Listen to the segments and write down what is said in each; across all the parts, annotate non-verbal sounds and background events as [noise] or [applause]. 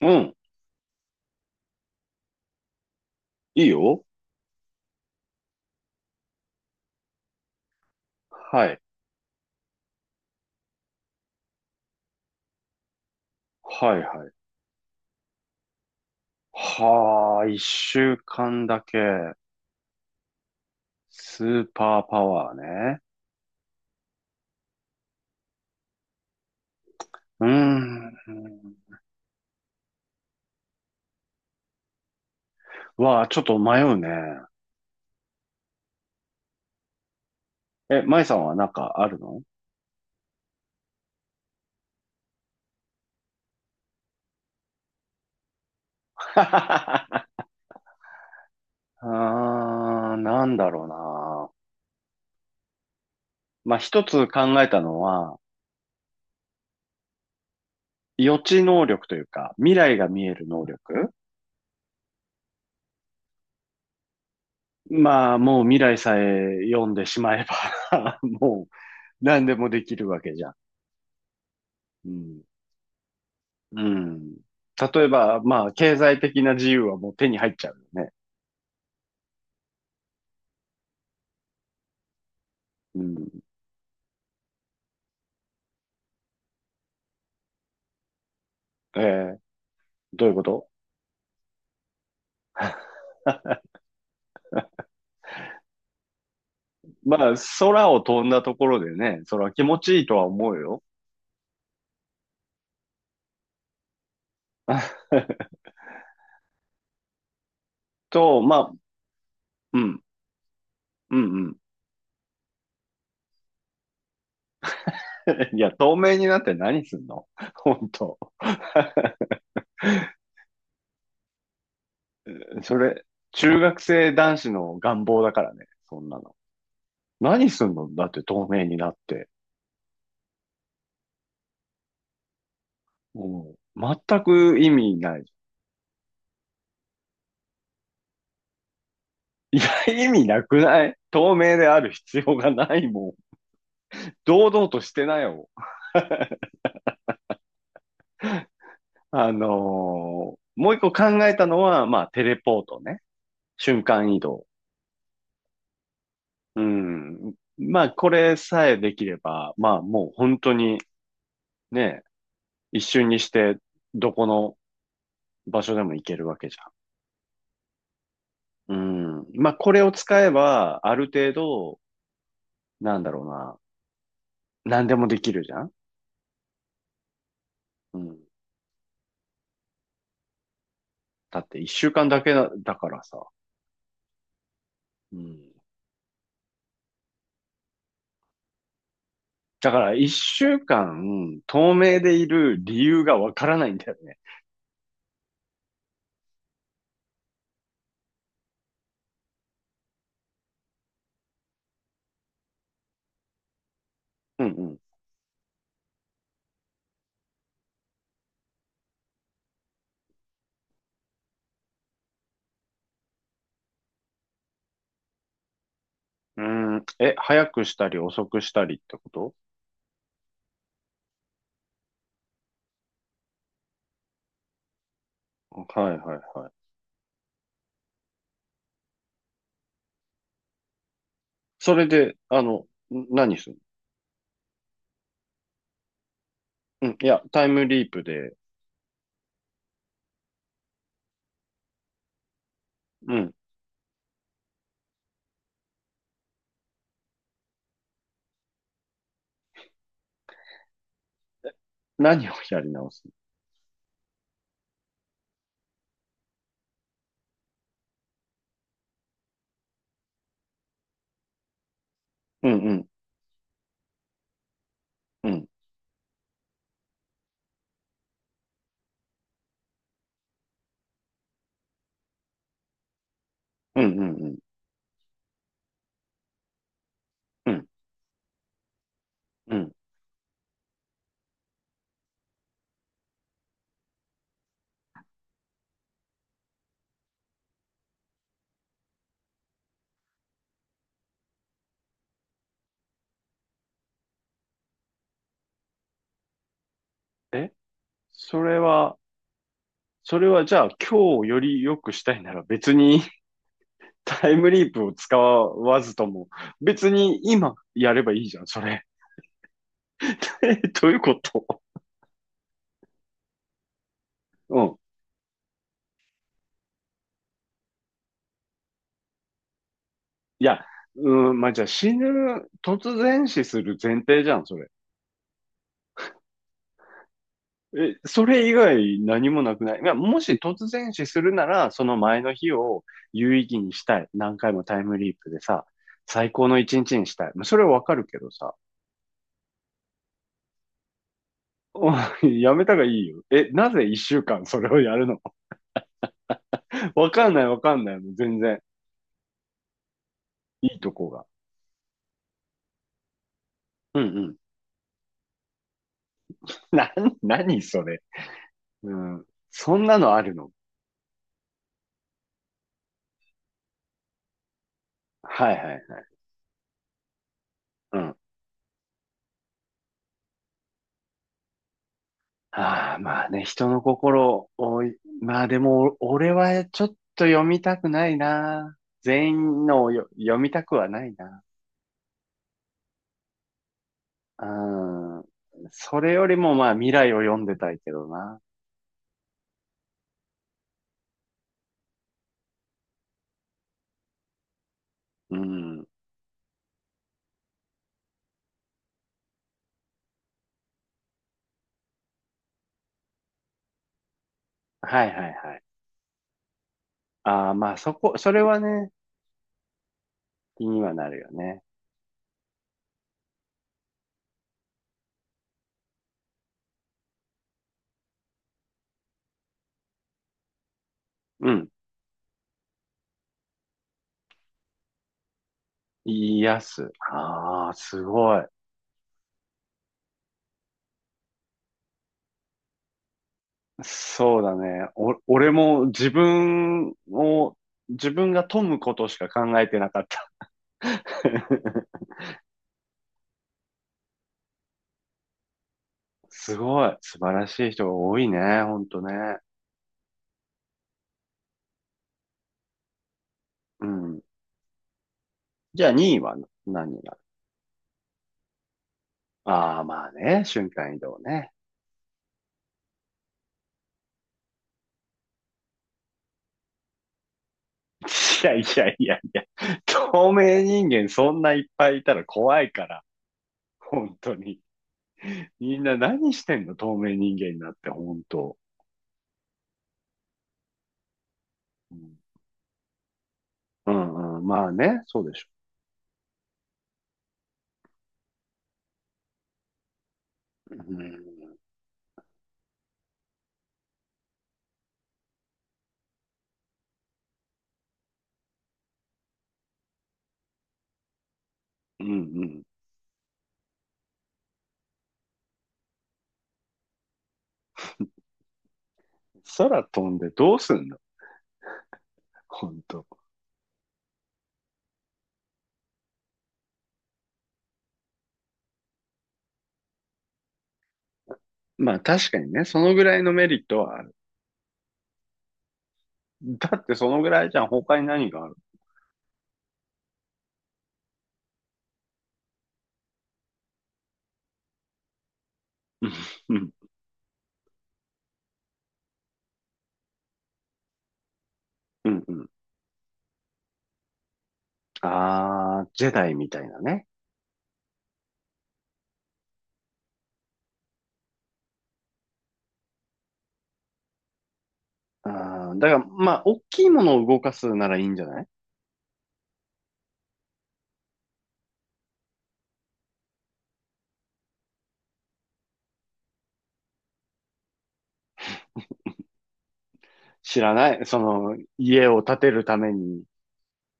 うん。いいよ。はい。はいはい。はあ、一週間だけ。スーパーパワーね。うーん。わあ、ちょっと迷うね。え、舞さんはなんかあるの？ [laughs] あー、なんだろうな。まあ、一つ考えたのは、予知能力というか、未来が見える能力。まあ、もう未来さえ読んでしまえば [laughs] もう何でもできるわけじゃん。うん。うん。例えば、まあ、経済的な自由はもう手に入っちゃうよね。うん。えー、どういうこと？ [laughs] まあ、空を飛んだところでね、それは気持ちいいとは思うよ。[laughs] と、まあ、うん、うん、うん。[laughs] いや、透明になって何すんの？ [laughs] 本当。それ、中学生男子の願望だからね、そんなの。何すんのだって透明になって。うん、全く意味ない。[laughs] いや、意味なくない。透明である必要がないもん。堂々としてなよ。あのもう一個考えたのは、まあ、テレポートね。瞬間移動。うん。まあ、これさえできれば、まあ、もう本当にね、一瞬にして、どこの場所でも行けるわけじゃん。うん。まあ、これを使えば、ある程度、なんだろうな、何でもできるじゃん。うん。だって一週間だけだ、だからさ。うん。だから一週間、透明でいる理由がわからないんだよね。うんうん。うん。え、早くしたり遅くしたりってこと？はいはいはい。それで、何するの？うん。いや、タイムリープで、うん。何をやり直す？うんうんうん。うんうんうん。うんうん。え、それは、それはじゃあ今日より良くしたいなら別に [laughs] タイムリープを使わずとも、別に今やればいいじゃん、それ。[laughs] え、どういうこと？うん。いや、うん、まあ、じゃあ突然死する前提じゃん、それ。え、それ以外何もなくない。いやもし突然死するなら、その前の日を有意義にしたい。何回もタイムリープでさ、最高の一日にしたい。まあそれはわかるけどさ、お、いやめたがいいよ。え、なぜ一週間それをやるの？ [laughs] わかんないわかんない。もう全然。いいとこが。うんうん。な、何それ。うん。そんなのあるの？はいはいはい。うん。ああ、まあね、人の心を、まあでも、俺はちょっと読みたくないな。全員のをよ読みたくはないな。うん。それよりもまあ未来を読んでたいけどな。うん。はいはいはい。ああ、まあそれはね、気にはなるよね。うん。癒す。ああ、すごい。そうだね。お、俺も自分が富むことしか考えてなかった。[laughs] すごい。素晴らしい人が多いね。ほんとね。うん。じゃあ2位は何になる？ああ、まあね。瞬間移動ね。[laughs] いやいやいやいや。透明人間そんないっぱいいたら怖いから。本当に。みんな何してんの？透明人間になって、本当。うん、うんうん、まあね、そうでしょ。うん、うん、うん。空飛んでどうすんの？本当。まあ確かにね、そのぐらいのメリットはある。だってそのぐらいじゃん、他に何がある？うんうんうん。ああ、ジェダイみたいなね。あー、だから、まあ、大きいものを動かすならいいんじゃない？知らない。その、家を建てるために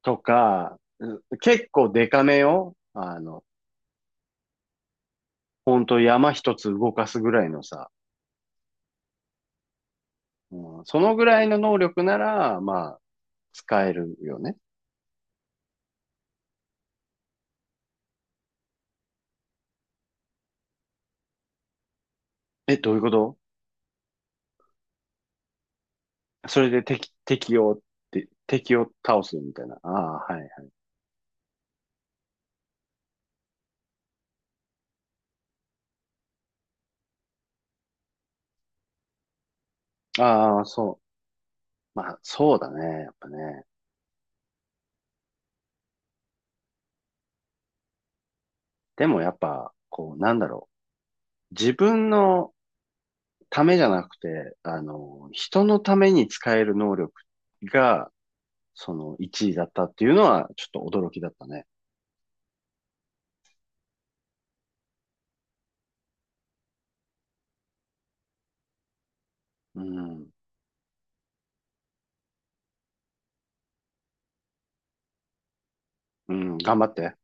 とか、う結構デカめよ。ほんと山一つ動かすぐらいのさ、うん、そのぐらいの能力なら、まあ、使えるよね。え、どういうこと？それで敵をって、敵を倒すみたいな。ああ、はい。ああ、そう。まあ、そうだね。やっぱね。でもやっぱ、こう、なんだろう。自分のためじゃなくて、人のために使える能力が、その1位だったっていうのは、ちょっと驚きだったね。うん。うん、頑張って。